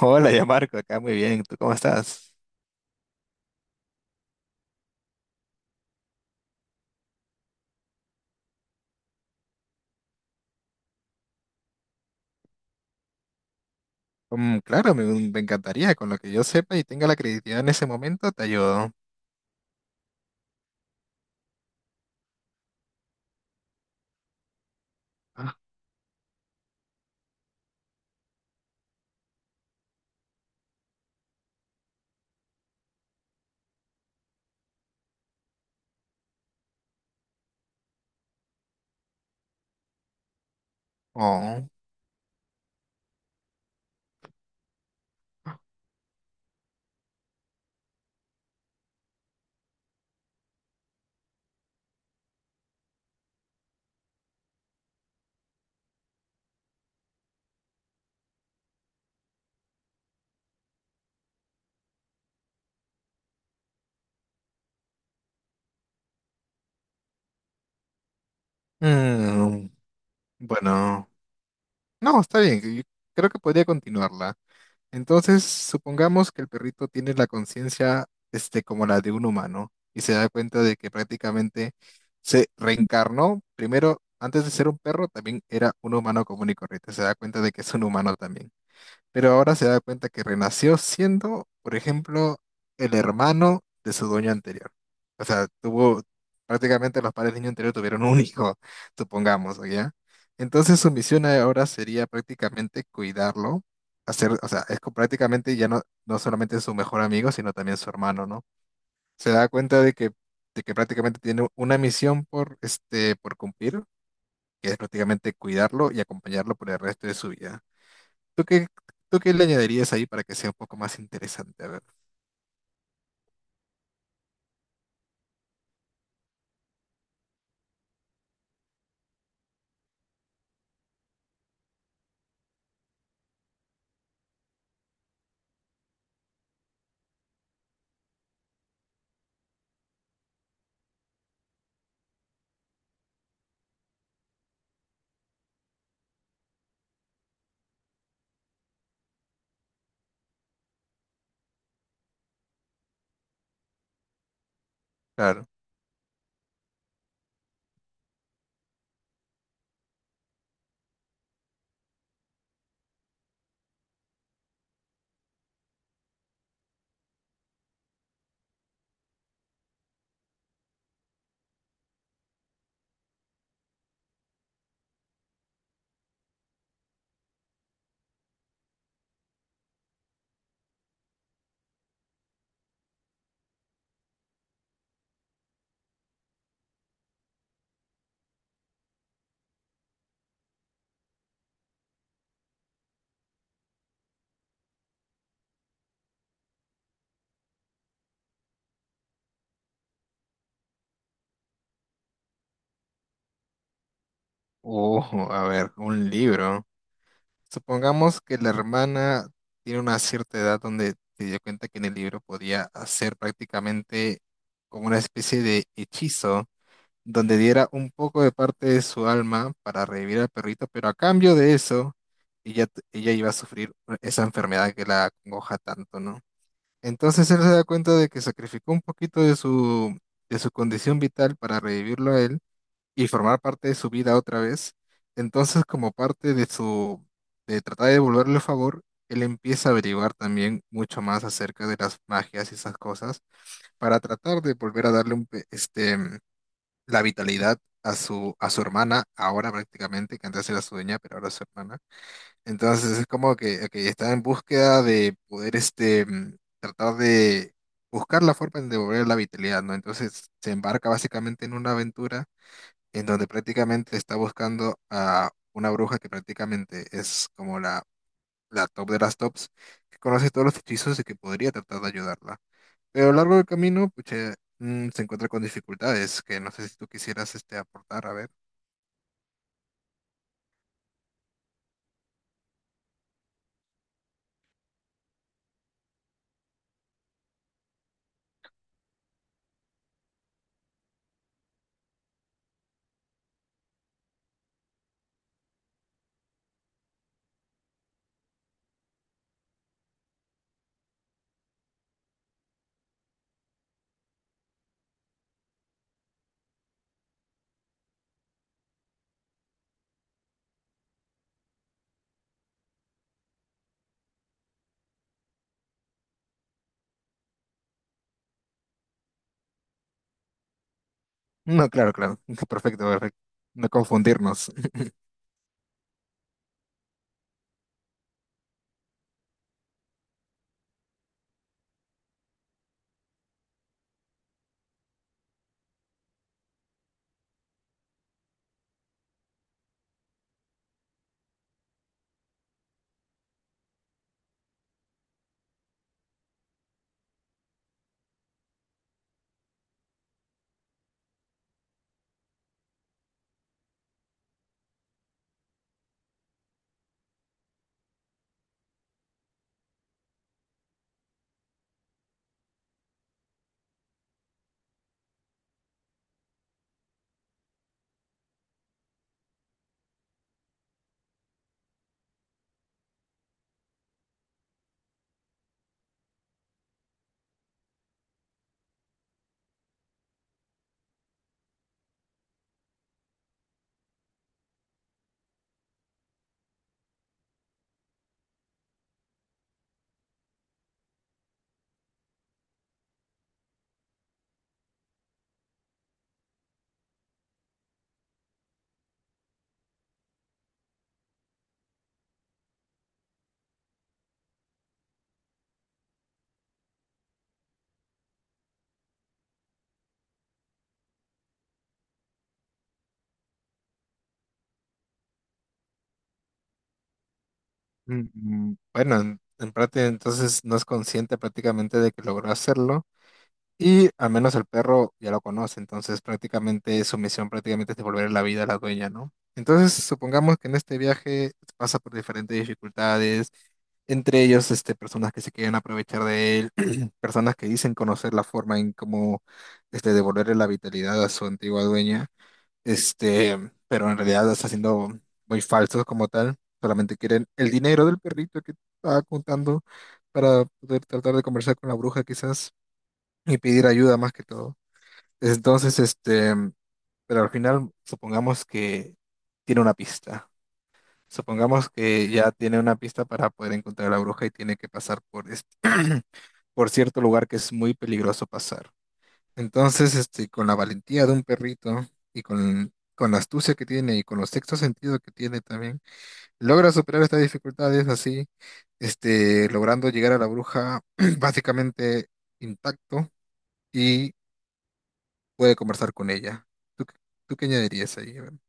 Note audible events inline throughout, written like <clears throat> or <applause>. Hola, ya Marco, acá muy bien. ¿Tú cómo estás? Claro, me encantaría. Con lo que yo sepa y tenga la credibilidad en ese momento, te ayudo. Ah. Oh. Mm, bueno, no, Está bien. Yo creo que podría continuarla. Entonces, supongamos que el perrito tiene la conciencia, como la de un humano, y se da cuenta de que prácticamente se reencarnó. Primero, antes de ser un perro, también era un humano común y corriente. Se da cuenta de que es un humano también, pero ahora se da cuenta que renació siendo, por ejemplo, el hermano de su dueño anterior. O sea, tuvo, prácticamente, los padres del niño anterior tuvieron un <laughs> hijo, supongamos, ¿o ¿ya? Entonces su misión ahora sería prácticamente cuidarlo, hacer, o sea, es prácticamente ya no solamente su mejor amigo, sino también su hermano, ¿no? Se da cuenta de que prácticamente tiene una misión por, por cumplir, que es prácticamente cuidarlo y acompañarlo por el resto de su vida. ¿Tú qué, ¿tú qué le añadirías ahí para que sea un poco más interesante? A ver, claro. A ver, un libro. Supongamos que la hermana tiene una cierta edad donde se dio cuenta que en el libro podía hacer prácticamente como una especie de hechizo donde diera un poco de parte de su alma para revivir al perrito, pero a cambio de eso, ella, ella iba a sufrir esa enfermedad que la acongoja tanto, ¿no? Entonces él se da cuenta de que sacrificó un poquito de su condición vital para revivirlo a él y formar parte de su vida otra vez. Entonces, como parte de su, de tratar de devolverle el favor, él empieza a averiguar también mucho más acerca de las magias y esas cosas para tratar de volver a darle un, la vitalidad a su hermana, ahora prácticamente, que antes era su dueña, pero ahora es su hermana. Entonces es como que ok, está en búsqueda de poder tratar de buscar la forma de devolver la vitalidad, ¿no? Entonces se embarca básicamente en una aventura en donde prácticamente está buscando a una bruja que prácticamente es como la top de las tops, que conoce todos los hechizos y que podría tratar de ayudarla. Pero a lo largo del camino, se encuentra con dificultades que no sé si tú quisieras aportar, a ver. No, claro, claro. <laughs> Perfecto, perfecto. No confundirnos. Bueno, en parte entonces no es consciente prácticamente de que logró hacerlo, y al menos el perro ya lo conoce, entonces prácticamente su misión prácticamente es devolver la vida a la dueña, ¿no? Entonces supongamos que en este viaje pasa por diferentes dificultades, entre ellos personas que se quieren aprovechar de él, <clears throat> personas que dicen conocer la forma en cómo devolverle la vitalidad a su antigua dueña. Este, pero en realidad está siendo muy falso como tal. Solamente quieren el dinero del perrito que estaba contando para poder tratar de conversar con la bruja quizás y pedir ayuda más que todo. Entonces, pero al final supongamos que tiene una pista. Supongamos que ya tiene una pista para poder encontrar a la bruja y tiene que pasar por <clears throat> por cierto lugar que es muy peligroso pasar. Entonces, con la valentía de un perrito y con la astucia que tiene y con los sexto sentido que tiene también, logra superar estas dificultades así, logrando llegar a la bruja <clears throat> básicamente intacto, y puede conversar con ella. ¿Tú, qué- ¿tú qué añadirías ahí, Iván?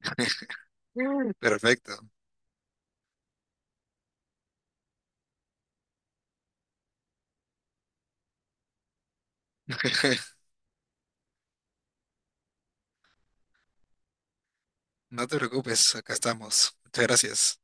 <laughs> Perfecto. <laughs> No te preocupes, acá estamos. Muchas gracias.